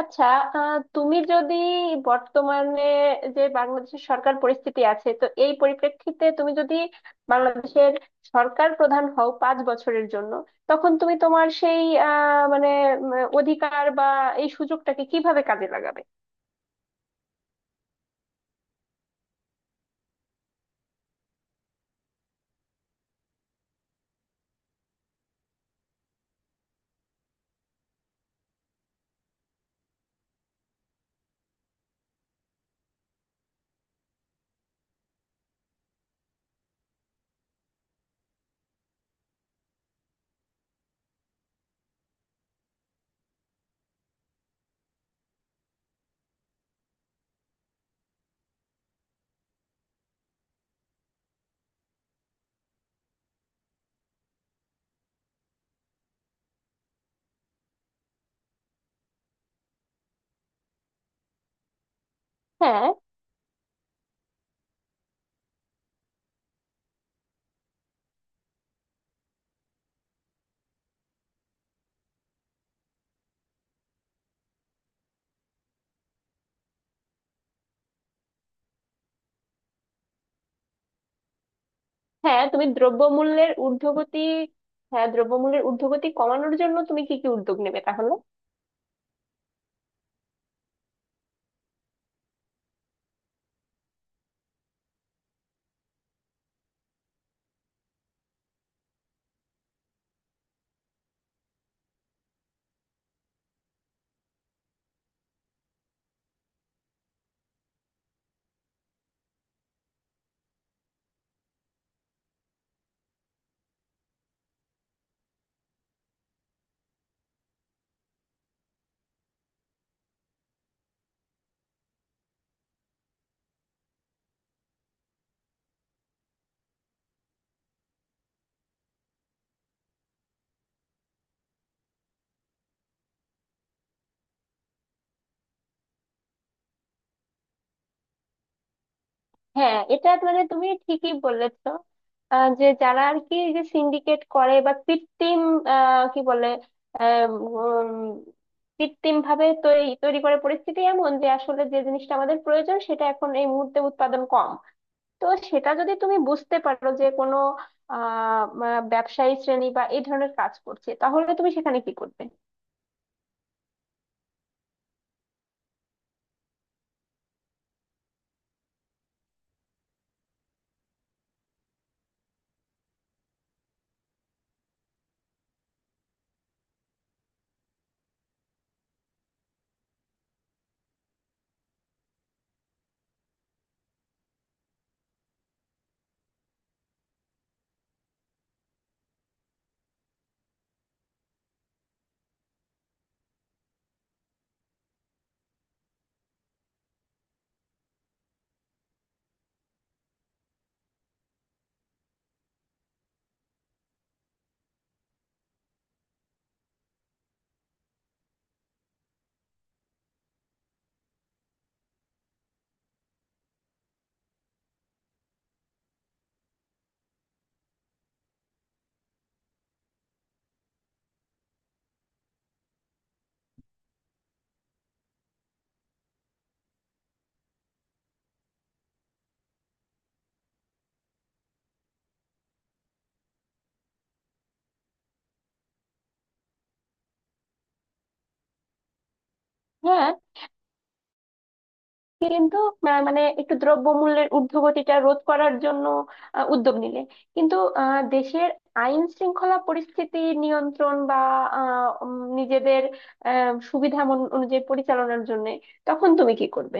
আচ্ছা। তুমি যদি বর্তমানে যে বাংলাদেশের সরকার পরিস্থিতি আছে, তো এই পরিপ্রেক্ষিতে তুমি যদি বাংলাদেশের সরকার প্রধান হও 5 বছরের জন্য, তখন তুমি তোমার সেই মানে উম, অধিকার বা এই সুযোগটাকে কিভাবে কাজে লাগাবে? হ্যাঁ, হ্যাঁ, তুমি দ্রব্যমূল্যের ঊর্ধ্বগতি। হ্যাঁ, দ্রব্যমূল্যের ঊর্ধ্বগতি কমানোর জন্য তুমি কি কি উদ্যোগ নেবে তাহলে? হ্যাঁ, এটা মানে তুমি ঠিকই বলেছো। যে যারা আর কি এই যে সিন্ডিকেট করে বা কৃত্রিম, কি বলে, কৃত্রিম ভাবে তৈরি তৈরি করে পরিস্থিতি এমন যে আসলে যে জিনিসটা আমাদের প্রয়োজন, সেটা এখন এই মুহূর্তে উৎপাদন কম। তো সেটা যদি তুমি বুঝতে পারো যে কোনো আহ আহ, ব্যবসায়ী শ্রেণী বা এই ধরনের কাজ করছে, তাহলে তুমি সেখানে কি করবে? হ্যাঁ। কিন্তু মানে একটু দ্রব্যমূল্যের ঊর্ধ্বগতিটা রোধ করার জন্য উদ্যোগ নিলে, কিন্তু দেশের আইন শৃঙ্খলা পরিস্থিতি নিয়ন্ত্রণ বা আহ, উম, নিজেদের সুবিধা অনুযায়ী পরিচালনার জন্য, তখন তুমি কি করবে?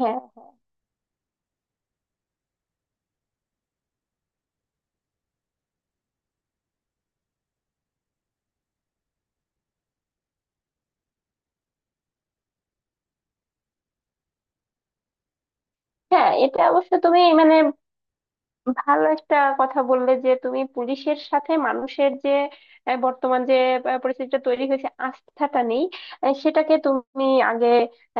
হ্যাঁ, হ্যাঁ, এটা অবশ্য তুমি মানে ভালো একটা কথা বললে, যে তুমি পুলিশের সাথে মানুষের যে বর্তমান যে পরিস্থিতিটা তৈরি হয়েছে, আস্থাটা নেই, সেটাকে তুমি আগে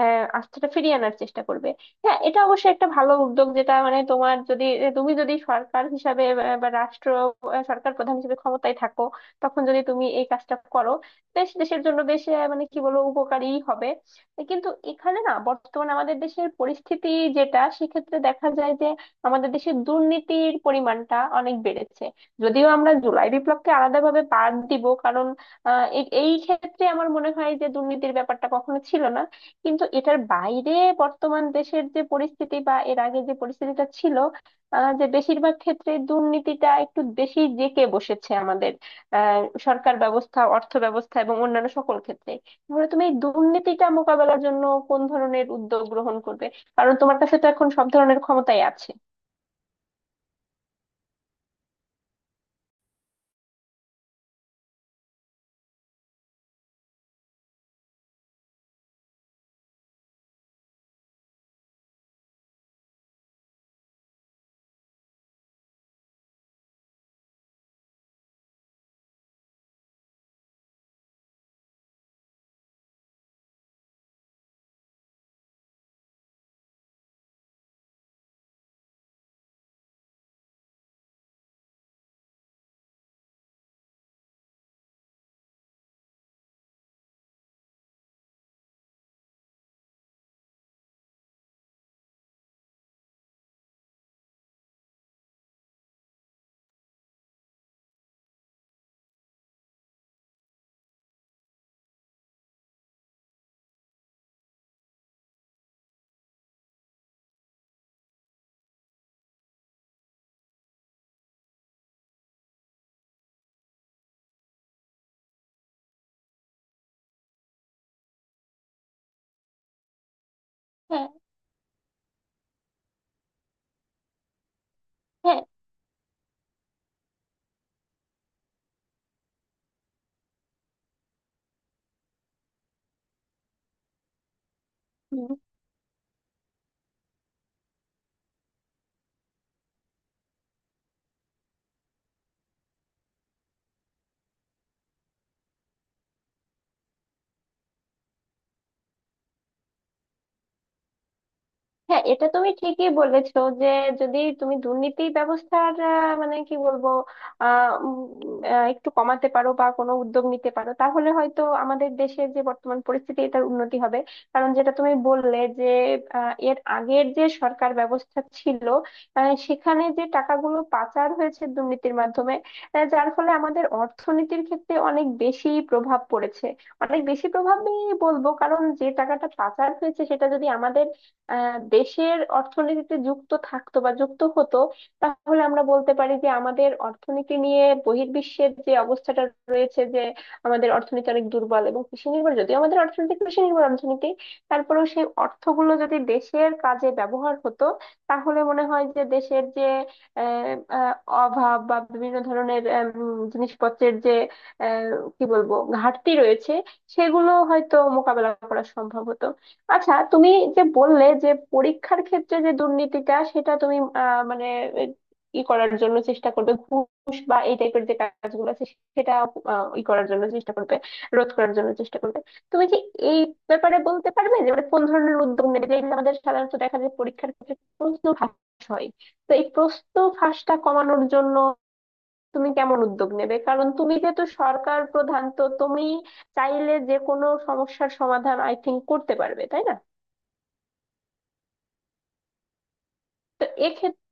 আস্থাটা ফিরিয়ে আনার চেষ্টা করবে। হ্যাঁ, এটা অবশ্যই একটা ভালো উদ্যোগ, যেটা মানে তোমার যদি তুমি যদি সরকার হিসাবে বা রাষ্ট্র সরকার প্রধান হিসেবে ক্ষমতায় থাকো, তখন যদি তুমি এই কাজটা করো, বেশ দেশের জন্য বেশ মানে কি বলবো, উপকারী হবে। কিন্তু এখানে না, বর্তমানে আমাদের দেশের পরিস্থিতি যেটা সেক্ষেত্রে দেখা যায় যে, আমাদের দেশে দুর্নীতির পরিমাণটা অনেক বেড়েছে। যদিও আমরা জুলাই বিপ্লবকে আলাদাভাবে বাদ দিব, কারণ এই ক্ষেত্রে আমার মনে হয় যে দুর্নীতির ব্যাপারটা কখনো ছিল না। কিন্তু এটার বাইরে বর্তমান দেশের যে পরিস্থিতি বা এর আগে যে পরিস্থিতিটা ছিল, যে বেশিরভাগ ক্ষেত্রে দুর্নীতিটা একটু বেশি জেঁকে বসেছে আমাদের আহ সরকার ব্যবস্থা, অর্থ ব্যবস্থা এবং অন্যান্য সকল ক্ষেত্রে। তাহলে তুমি এই দুর্নীতিটা মোকাবেলার জন্য কোন ধরনের উদ্যোগ গ্রহণ করবে? কারণ তোমার কাছে তো এখন সব ধরনের ক্ষমতাই আছে। হ্যাঁ, হ্যাঁ, হুম, হ্যাঁ, এটা তুমি ঠিকই বলেছো যে, যদি তুমি দুর্নীতি ব্যবস্থার মানে কি বলবো, আহ, উম, একটু কমাতে পারো বা কোনো উদ্যোগ নিতে পারো, তাহলে হয়তো আমাদের দেশের যে বর্তমান পরিস্থিতি, এটার উন্নতি হবে। কারণ যেটা তুমি বললে যে, এর আগের যে সরকার ব্যবস্থা ছিল, সেখানে যে টাকাগুলো পাচার হয়েছে দুর্নীতির মাধ্যমে, যার ফলে আমাদের অর্থনীতির ক্ষেত্রে অনেক বেশি প্রভাব পড়েছে। অনেক বেশি প্রভাবই বলবো, কারণ যে টাকাটা পাচার হয়েছে সেটা যদি আমাদের দেশের অর্থনীতিতে যুক্ত থাকতো বা যুক্ত হতো, তাহলে আমরা বলতে পারি যে আমাদের অর্থনীতি নিয়ে বহির্বিশ্বের যে অবস্থাটা রয়েছে, যে আমাদের অর্থনীতি অনেক দুর্বল এবং কৃষি নির্ভর। যদিও আমাদের অর্থনীতি কৃষি নির্ভর অর্থনীতি, তারপরেও সেই অর্থগুলো যদি দেশের কাজে ব্যবহার হতো, তাহলে মনে হয় যে দেশের যে আহ, আহ, অভাব বা বিভিন্ন ধরনের জিনিসপত্রের যে আহ, কি বলবো ঘাটতি রয়েছে, সেগুলো হয়তো মোকাবেলা করা সম্ভব হতো। আচ্ছা, তুমি যে বললে যে পরীক্ষার ক্ষেত্রে যে দুর্নীতিটা, সেটা তুমি মানে এ- ই করার জন্য চেষ্টা করবে, ঘুষ বা এই টাইপের যে কাজগুলো আছে সেটা ই করার জন্য চেষ্টা করবে, রোধ করার জন্য চেষ্টা করবে। তুমি কি এই ব্যাপারে বলতে পারবে যে মানে কোন ধরনের উদ্যোগ নেবে? যেগুলো আমাদের সাধারণত দেখা যায় পরীক্ষার ক্ষেত্রে প্রশ্ন ফাঁস হয়, তো এই প্রশ্ন ফাঁসটা কমানোর জন্য তুমি কেমন উদ্যোগ নেবে? কারণ তুমি যেহেতু সরকার প্রধান, তো তুমি চাইলে যে কোনো সমস্যার সমাধান আই থিঙ্ক করতে পারবে, তাই না? তো এক্ষেত্রে